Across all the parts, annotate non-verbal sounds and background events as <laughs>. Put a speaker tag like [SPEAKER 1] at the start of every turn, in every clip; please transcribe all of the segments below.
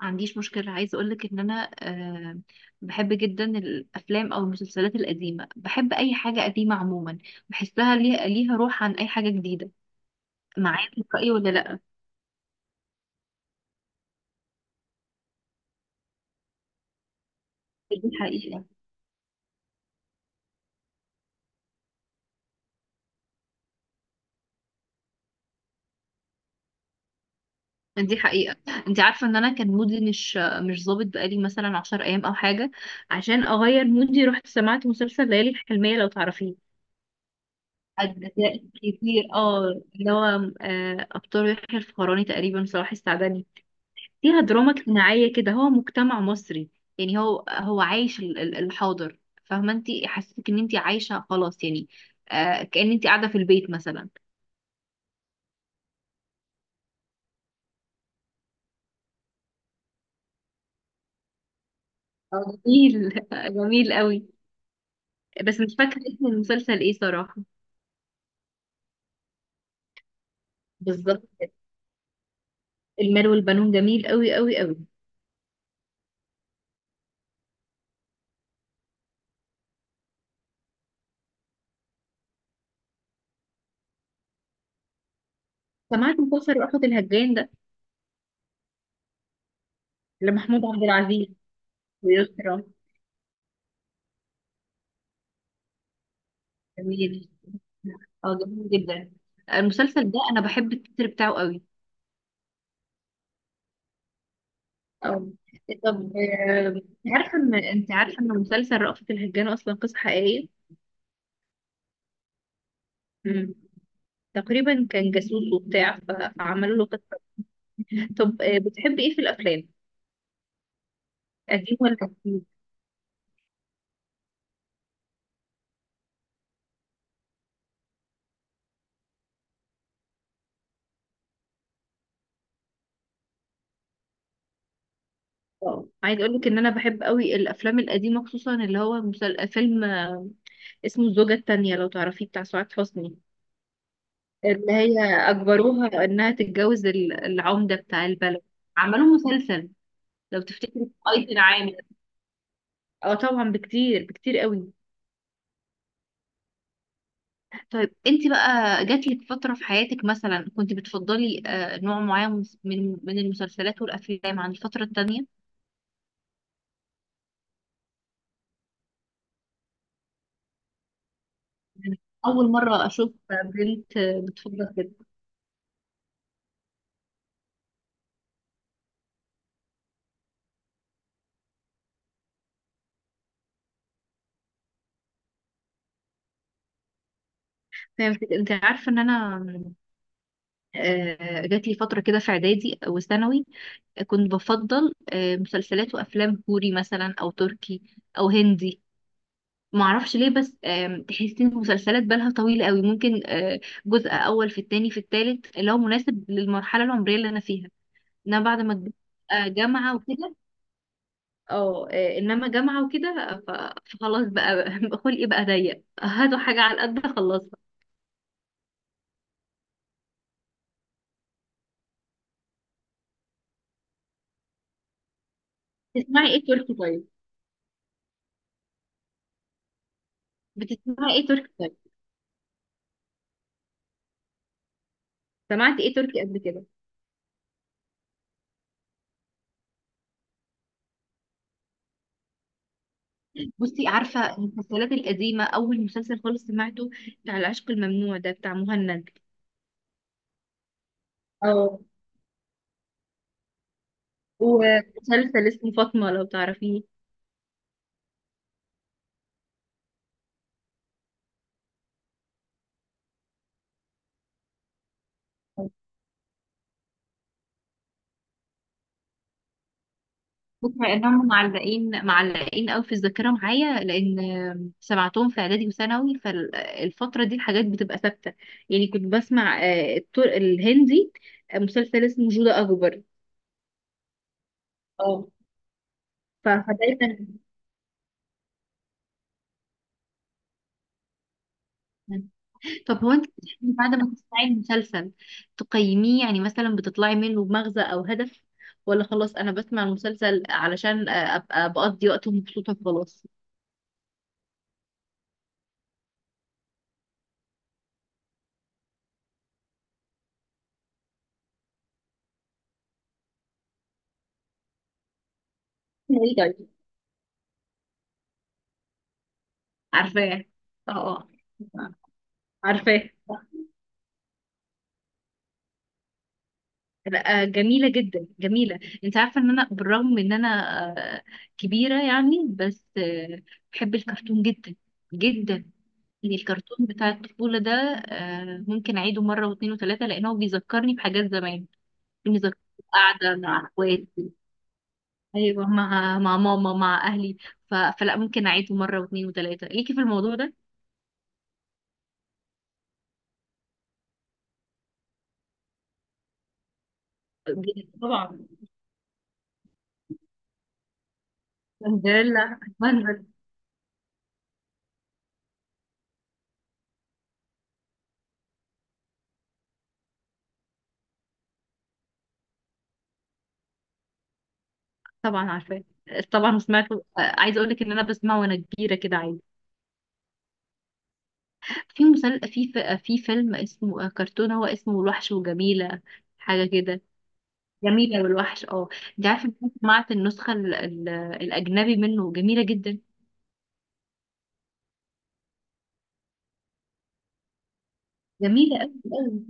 [SPEAKER 1] ما عنديش مشكلة، عايزة أقولك إن أنا بحب جدا الأفلام أو المسلسلات القديمة. بحب أي حاجة قديمة عموما، بحسها ليها روح عن أي حاجة جديدة. معايا في الرأي ولا لأ؟ دي حقيقة. دي حقيقة. أنت عارفة إن أنا كان مودي مش ظابط بقالي مثلا عشر أيام أو حاجة، عشان أغير مودي رحت سمعت مسلسل ليالي الحلمية، لو تعرفيه. أجزاء كتير، اه، اللي هو أبطال يحيى الفخراني، تقريبا صلاح السعدني. فيها دراما اجتماعية كده، هو مجتمع مصري، يعني هو عايش الحاضر. فاهمة انت، حسيتك ان انت عايشة خلاص يعني. آه، كأن انت قاعدة في البيت مثلا. جميل، <laughs> جميل قوي. بس مش فاكرة اسم المسلسل ايه صراحة. بالظبط، المال والبنون جميل قوي قوي قوي. سمعت مسلسل رأفت الهجان ده، لمحمود عبد العزيز ويسرا. جميل، اه جميل جدا. المسلسل ده انا بحب التتر بتاعه قوي. أو إيه، طب آه، عارفة إن أنت، عارفة إن مسلسل رأفت الهجان أصلا قصة حقيقية؟ مم. تقريبا كان جاسوس وبتاع فعملوا له قصة. طب بتحبي إيه في الأفلام؟ قديم ولا جديد؟ اه، عايز أقول لك إن أنا بحب قوي الأفلام القديمة، خصوصا اللي هو فيلم اسمه الزوجة التانية، لو تعرفيه، بتاع سعاد حسني. اللي هي أجبروها إنها تتجوز العمدة بتاع البلد، عملوا مسلسل. لو تفتكري أيضا عامر، اه طبعا، بكتير بكتير قوي. طيب انت بقى جاتلك فترة في حياتك مثلا كنت بتفضلي نوع معين من المسلسلات والأفلام عن الفترة التانية؟ يعني أول مرة أشوف بنت بتفضل كده. فهمت. انت عارفة ان انا جاتلي فترة كده في إعدادي وثانوي كنت بفضل مسلسلات وأفلام كوري مثلا، أو تركي، أو هندي، معرفش ليه. بس تحسي ان المسلسلات بالها طويلة قوي، ممكن جزء أول في التاني في التالت اللي هو مناسب للمرحلة العمرية اللي أنا فيها. إن انا بعد ما كبرت جامعه وكده، اه، انما جامعه وكده، فخلاص بقى <laughs> بقى خلقي بقى ضيق، هاتوا حاجه على القد خلصها. بتسمعي ايه تركي طيب؟ بتسمعي ايه تركي طيب؟ سمعتي ايه تركي قبل كده؟ بصي، عارفه المسلسلات القديمه، اول مسلسل خالص سمعته بتاع العشق الممنوع ده، بتاع مهند. اه، ومسلسل اسمه فاطمه، لو تعرفيه. بص، لانهم معلقين معلقين قوي في الذاكره معايا، لان سمعتهم في اعدادي وثانوي، فالفتره دي الحاجات بتبقى ثابته. يعني كنت بسمع الهندي، مسلسل اسمه جودة اكبر. اه، فدايما <laughs> طب هو انت بتحبي بعد ما تسمعي المسلسل تقيميه، يعني مثلا بتطلعي منه بمغزى او هدف؟ ولا خلاص، انا بسمع المسلسل علشان ابقى بقضي وقت ومبسوطه خلاص. اسمه ايه <laughs> طيب؟ عارفاه، اه. آه. عارفاه، لا جميلة جدا جميلة. انت عارفة ان انا بالرغم من ان انا آه، كبيرة يعني، بس بحب الكرتون جدا جدا. يعني الكرتون بتاع الطفولة ده ممكن اعيده مرة واثنين وثلاثة، لان هو بيذكرني بحاجات زمان، بيذكرني قاعدة مع اخواتي، ايوه مع ماما، مع اهلي. فلا، ممكن اعيده مرة واثنين وثلاثة ليكي في الموضوع ده. طبعا. سندريلا بندل. طبعا عارفاه. طبعا، وسمعته. عايزه اقول لك ان انا بسمعه وانا كبيره كده عادي. في مسل... في ف... في فيلم اسمه كرتون، هو اسمه الوحش وجميلة، حاجة كده. جميلة والوحش، اه. انت عارفة إن أنا سمعت النسخة الأجنبي منه جميلة جدا. جميلة أوي أوي.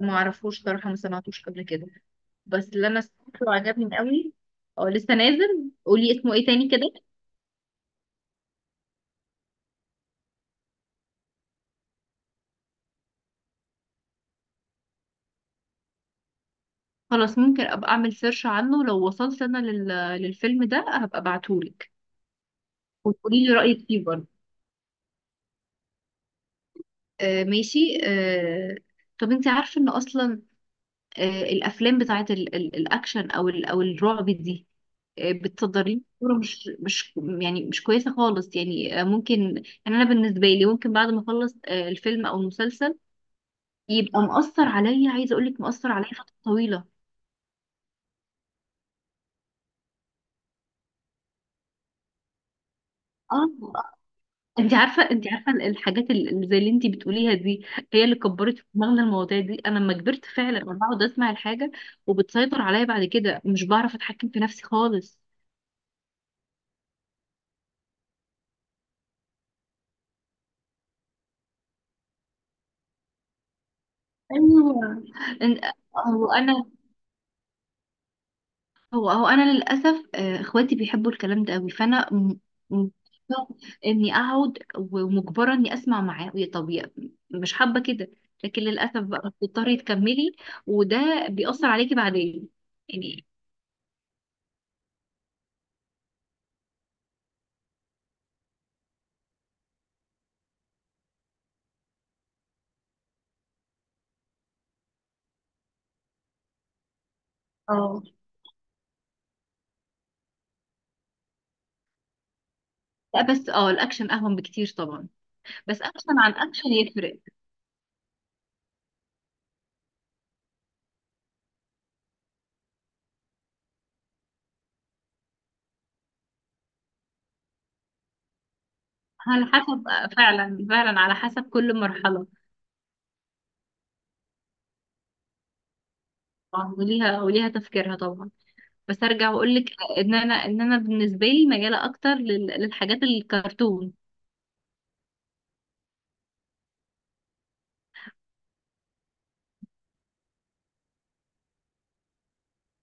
[SPEAKER 1] ما أعرفوش صراحة، ما سمعتوش قبل كده، بس اللي أنا سمعته عجبني أوي. اه لسه نازل، قولي اسمه ايه تاني كده. خلاص، ممكن أبقى أعمل سيرش عنه، لو وصلت أنا للفيلم ده هبقى أبعتهولك، وتقولي لي رأيك فيه برضه. آه ماشي. آه. طب انت عارفة ان اصلا الافلام بتاعت الاكشن، او الرعب دي بتصدر لي صورة مش يعني مش كويسه خالص يعني. ممكن يعني انا بالنسبه لي، ممكن بعد ما اخلص الفيلم او المسلسل يبقى مؤثر عليا، عايزه اقول لك مؤثر عليا فتره طويله. اه، انت عارفه، انت عارفه الحاجات اللي زي اللي انت بتقوليها دي، هي اللي كبرت في دماغنا المواضيع دي. انا لما كبرت فعلا انا بقعد اسمع الحاجه وبتسيطر عليا بعد كده، مش بعرف اتحكم في نفسي خالص. ايوه. إن- وانا هو انا للاسف اخواتي بيحبوا الكلام ده قوي، فانا م- اني اقعد ومجبره اني اسمع معاه، مش حابه كده، لكن للاسف بقى بتضطري تكملي، وده بيأثر عليكي بعدين يعني. اه، لا بس اه الاكشن اهون بكتير طبعا. بس اكشن عن اكشن يفرق. على حسب، فعلا فعلا على حسب كل مرحله. طبعاً، وليها تفكيرها طبعا. بس ارجع واقول لك ان انا بالنسبه لي مياله اكتر للحاجات الكرتون.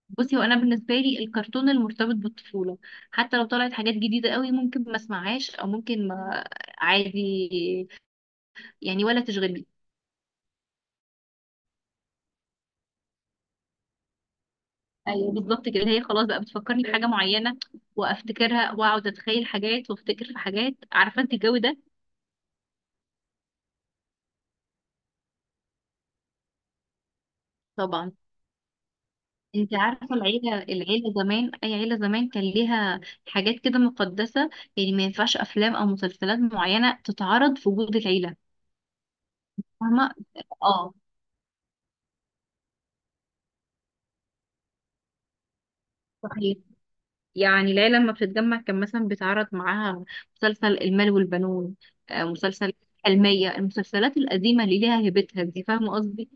[SPEAKER 1] بصي، هو انا بالنسبه لي الكرتون المرتبط بالطفوله، حتى لو طلعت حاجات جديده قوي ممكن ما اسمعهاش، او ممكن ما عادي يعني ولا تشغلني. ايوه بالظبط كده، هي خلاص بقى بتفكرني بحاجه معينه، وافتكرها واقعد اتخيل حاجات، وافتكر في حاجات، عارفه انت الجو ده. طبعا. انت عارفه العيله، العيله زمان، اي عيله زمان كان ليها حاجات كده مقدسه، يعني ما ينفعش افلام او مسلسلات معينه تتعرض في وجود العيله. فاهمه. اه. صحيح. يعني ليلى لما بتتجمع كان مثلا بيتعرض معاها مسلسل المال والبنون، مسلسل حلمية، المسلسلات القديمة اللي ليها هيبتها دي، فاهمة قصدي.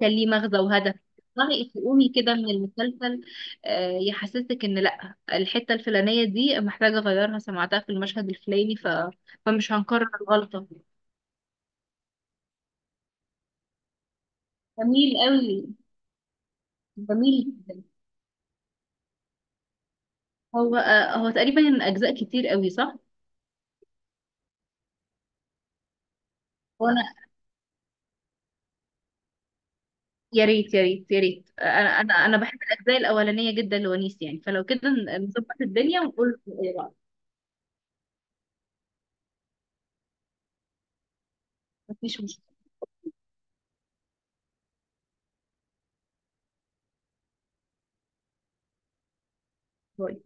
[SPEAKER 1] كان ليه مغزى وهدف. تقدري تقومي كده من المسلسل، يحسسك ان لا الحتة الفلانية دي محتاجة اغيرها، سمعتها في المشهد الفلاني فمش هنكرر الغلطة. جميل قوي. جميل جدا. هو هو تقريبا اجزاء كتير قوي، صح؟ يا ريت يا ريت يا ريت، انا انا بحب الاجزاء الاولانيه جدا لونيس يعني، فلو كده نظبط الدنيا ونقول ايه رأيك؟ مفيش مشكله. باي.